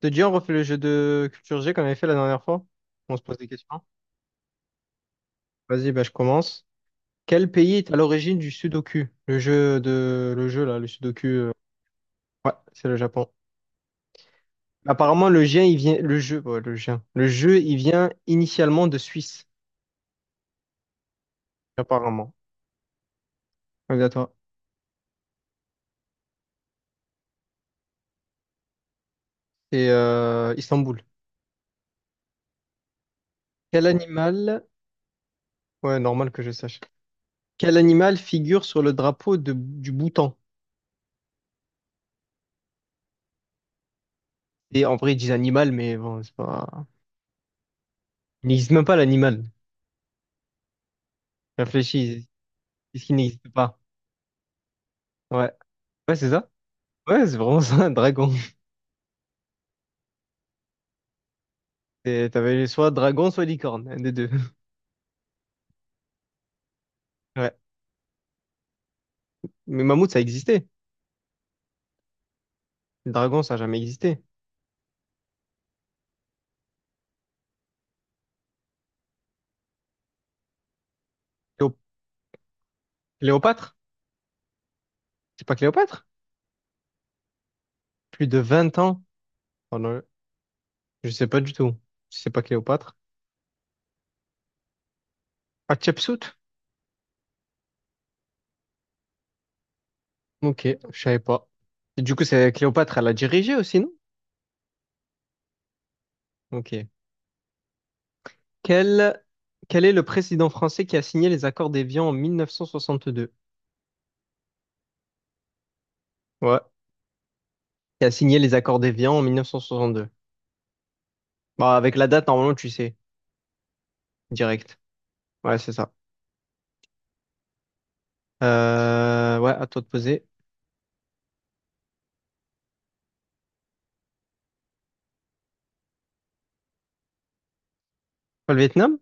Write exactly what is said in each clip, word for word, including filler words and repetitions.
Te dis, on refait le jeu de culture G qu'on avait fait la dernière fois. On se pose des questions. Vas-y, bah, je commence. Quel pays est à l'origine du Sudoku? Le jeu de, le jeu là, le Sudoku. euh, Ouais, c'est le Japon. Apparemment, le jeu, il vient, le jeu, ouais, le jeu, le jeu, il vient initialement de Suisse. Apparemment. Regarde toi. Et euh, Istanbul. Quel animal? Ouais, normal que je sache. Quel animal figure sur le drapeau de, du Bhoutan? Et en vrai, ils disent animal, mais bon, c'est pas. Il n'existe même pas l'animal. Réfléchis, est-ce qu'il n'existe pas? Ouais, ouais, c'est ça. Ouais, c'est vraiment ça, un dragon. Et t'avais soit dragon, soit licorne, un des deux. Ouais. Mais mammouth, ça existait. Le dragon, ça a jamais existé. Cléo- Cléopâtre? C'est pas Cléopâtre? Plus de vingt ans. Oh non, je sais pas du tout. C'est pas Cléopâtre. Hatshepsut? Ok, je savais pas. Et du coup, c'est Cléopâtre, elle a dirigé aussi, non? Ok. Quel, quel est le président français qui a signé les accords d'Évian en mille neuf cent soixante-deux? Ouais. Qui a signé les accords d'Évian en mille neuf cent soixante-deux. Bah, avec la date, normalement, tu sais, direct. Ouais, c'est ça. Euh, ouais, à toi de poser. Le Vietnam?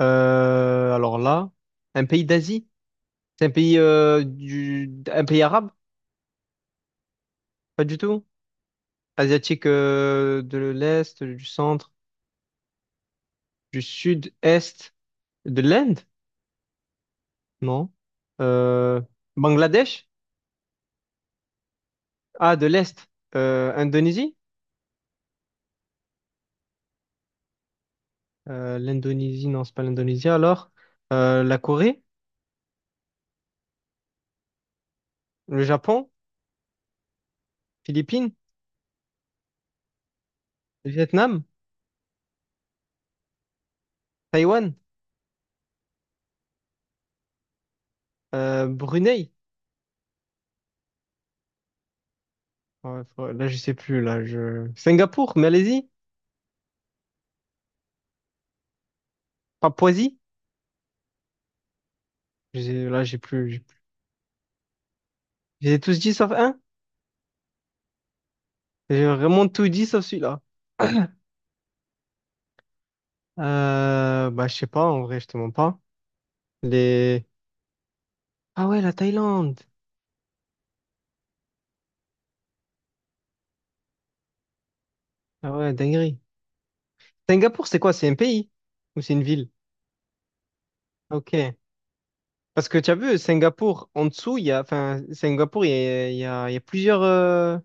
Euh, alors là, un pays d'Asie? C'est un pays euh, du, un pays arabe? Pas du tout. Asiatique euh, de l'Est, du centre, du sud-est, de l'Inde? Non. Euh, Bangladesh? Ah, de l'Est. Euh, Indonésie? Euh, l'Indonésie, non, c'est pas l'Indonésie. Alors, euh, la Corée? Le Japon? Philippines? Le Vietnam? Taïwan? Euh, Brunei? Ouais, faut- là, je sais plus. Là, je... Singapour, Malaisie, Papouasie. Je sais- Là, j'ai plus. j'ai plus- J'ai tous dit sauf un. J'ai vraiment tout dit sauf celui-là. Euh, bah, je sais pas, en vrai, je te mens pas. Les... Ah ouais, la Thaïlande. Ah ouais, dinguerie. Singapour, c'est quoi? C'est un pays? Ou c'est une ville? Ok. Parce que tu as vu, Singapour, en dessous, il y a... Enfin, Singapour, il y a, il y a, il y a plusieurs... euh,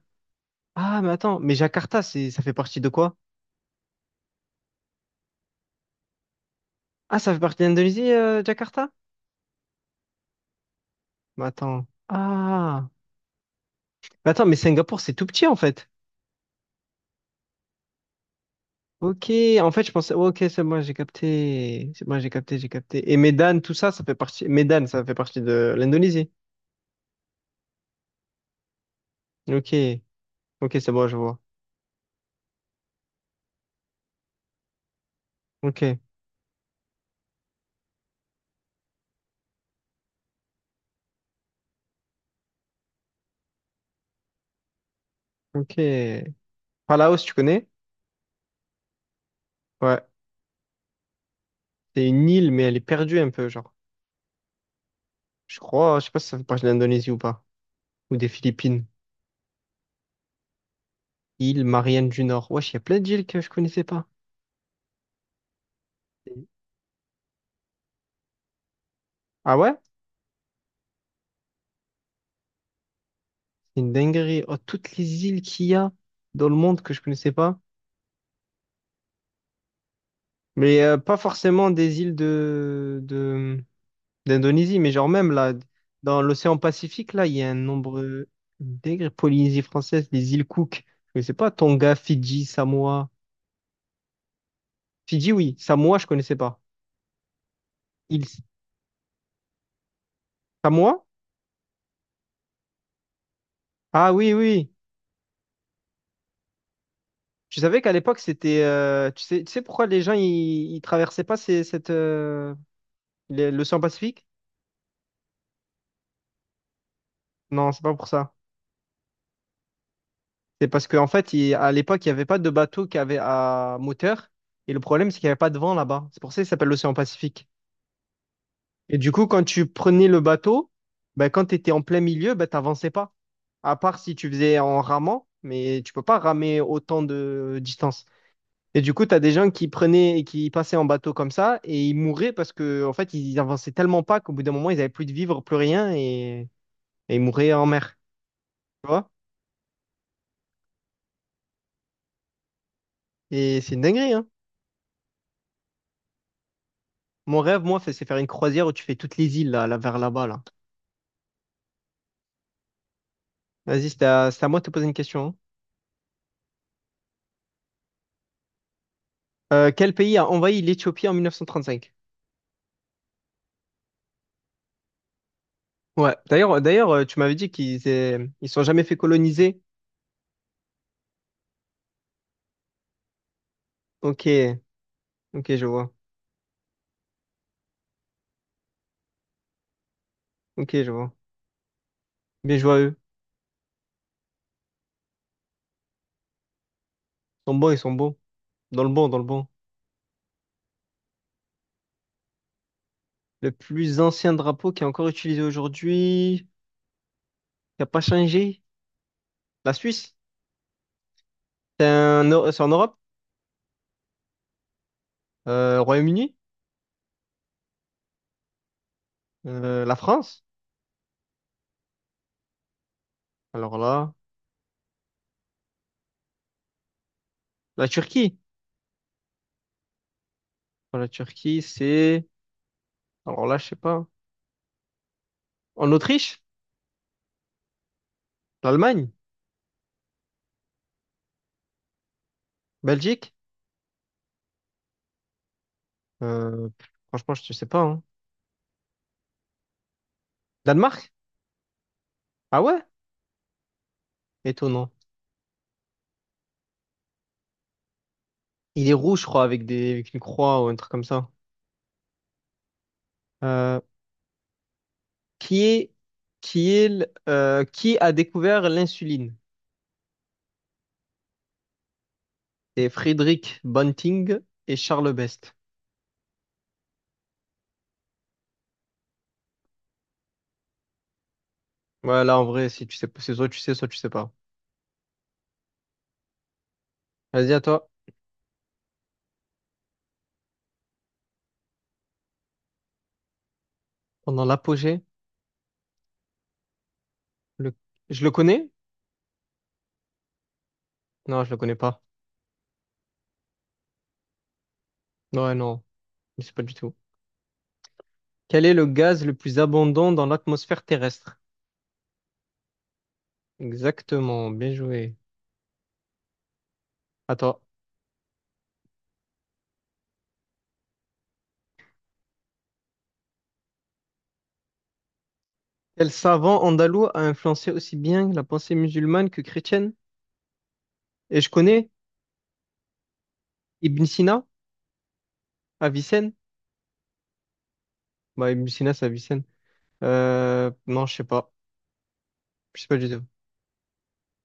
ah, mais attends, mais Jakarta, c'est, ça fait partie de quoi? Ah, ça fait partie de l'Indonésie, euh, Jakarta? Mais attends. Ah. Mais attends, mais Singapour, c'est tout petit en fait. Ok, en fait, je pensais, ouais, ok, c'est moi, j'ai capté. C'est moi, j'ai capté, j'ai capté. Et Medan, tout ça, ça fait partie. Medan, ça fait partie de l'Indonésie. Ok, ok, c'est bon, je vois. Ok, ok. Palaos, tu connais? Ouais. C'est une île, mais elle est perdue un peu, genre. Je crois, je sais pas si ça fait partie de l'Indonésie ou pas. Ou des Philippines. Île Marianne du Nord. Wesh, il y a plein d'îles que je connaissais pas. Ah ouais? C'est une dinguerie. Oh, toutes les îles qu'il y a dans le monde que je connaissais pas. Mais euh, pas forcément des îles de, de, d'Indonésie, mais genre même là, dans l'océan Pacifique, là, il y a un nombre d'îles Polynésie française, les îles Cook. Je connaissais pas Tonga, Fidji, Samoa. Fidji, oui. Samoa, je connaissais pas. Île Samoa? Ah oui, oui. Tu savais qu'à l'époque, c'était. euh, tu sais, tu sais pourquoi les gens, ils, ils traversaient pas ces- cette, euh, les- l'océan Pacifique? Non, c'est pas pour ça. C'est parce qu'en fait, il- à l'époque, il n'y avait pas de bateau qui avait à moteur. Et le problème, c'est qu'il n'y avait pas de vent là-bas. C'est pour ça qu'il s'appelle l'océan Pacifique. Et du coup, quand tu prenais le bateau, ben, quand tu étais en plein milieu, ben, tu n'avançais pas. À part si tu faisais en ramant, mais tu peux pas ramer autant de distance. Et du coup, tu as des gens qui prenaient et qui passaient en bateau comme ça et ils mouraient parce que, en fait, ils avançaient tellement pas qu'au bout d'un moment, ils n'avaient plus de vivre, plus rien et, et ils mouraient en mer. Tu vois? Et c'est une dinguerie, hein. Mon rêve, moi, c'est c'est faire une croisière où tu fais toutes les îles là, là, vers là-bas, là. Vas-y, c'est à, c'est à moi de te poser une question. Hein. Euh, quel pays a envahi l'Éthiopie en mille neuf cent trente-cinq? Ouais. D'ailleurs, d'ailleurs, euh, tu m'avais dit qu'ils aient- ils sont jamais fait coloniser. Ok, ok, je vois. Ok, je vois. Bien joué à eux. Ils sont bons, ils sont bons. Dans le bon, dans le bon. Le plus ancien drapeau qui est encore utilisé aujourd'hui, qui n'a pas changé. La Suisse. C'est un- c'est en Europe. Euh, Royaume-Uni. Euh, la France. Alors là, la Turquie. Pour la Turquie, c'est alors là, je sais pas. En Autriche? L'Allemagne? Belgique? Euh, pff, franchement, je sais pas. Hein. Danemark? Ah ouais? Étonnant. Il est rouge, je crois, avec des, avec une croix ou un truc comme ça. Euh, qui est, qui est, l- euh, qui a découvert l'insuline? C'est Friedrich Banting et Charles Best. Ouais, là, en vrai, si tu sais, pas- c'est soit tu sais, soit tu sais pas. Vas-y, à toi. Pendant l'apogée, le... je le connais? Non, je le connais pas. Ouais, non, je sais pas du tout. Quel est le gaz le plus abondant dans l'atmosphère terrestre? Exactement, bien joué. Attends, quel savant andalou a influencé aussi bien la pensée musulmane que chrétienne? Et je connais Ibn Sina, Avicenne. Bah, Ibn Sina, c'est Avicenne. Euh, non, je sais pas. Je sais pas du tout.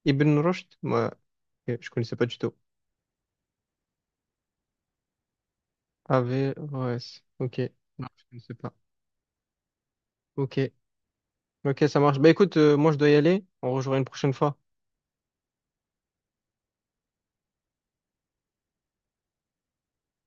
Ibn Rushd? Ouais. Ok, je connaissais pas du tout. Averroès. Ok. Non, je connaissais pas. Ok. Ok, ça marche. Bah écoute, euh, moi je dois y aller. On rejoint une prochaine fois.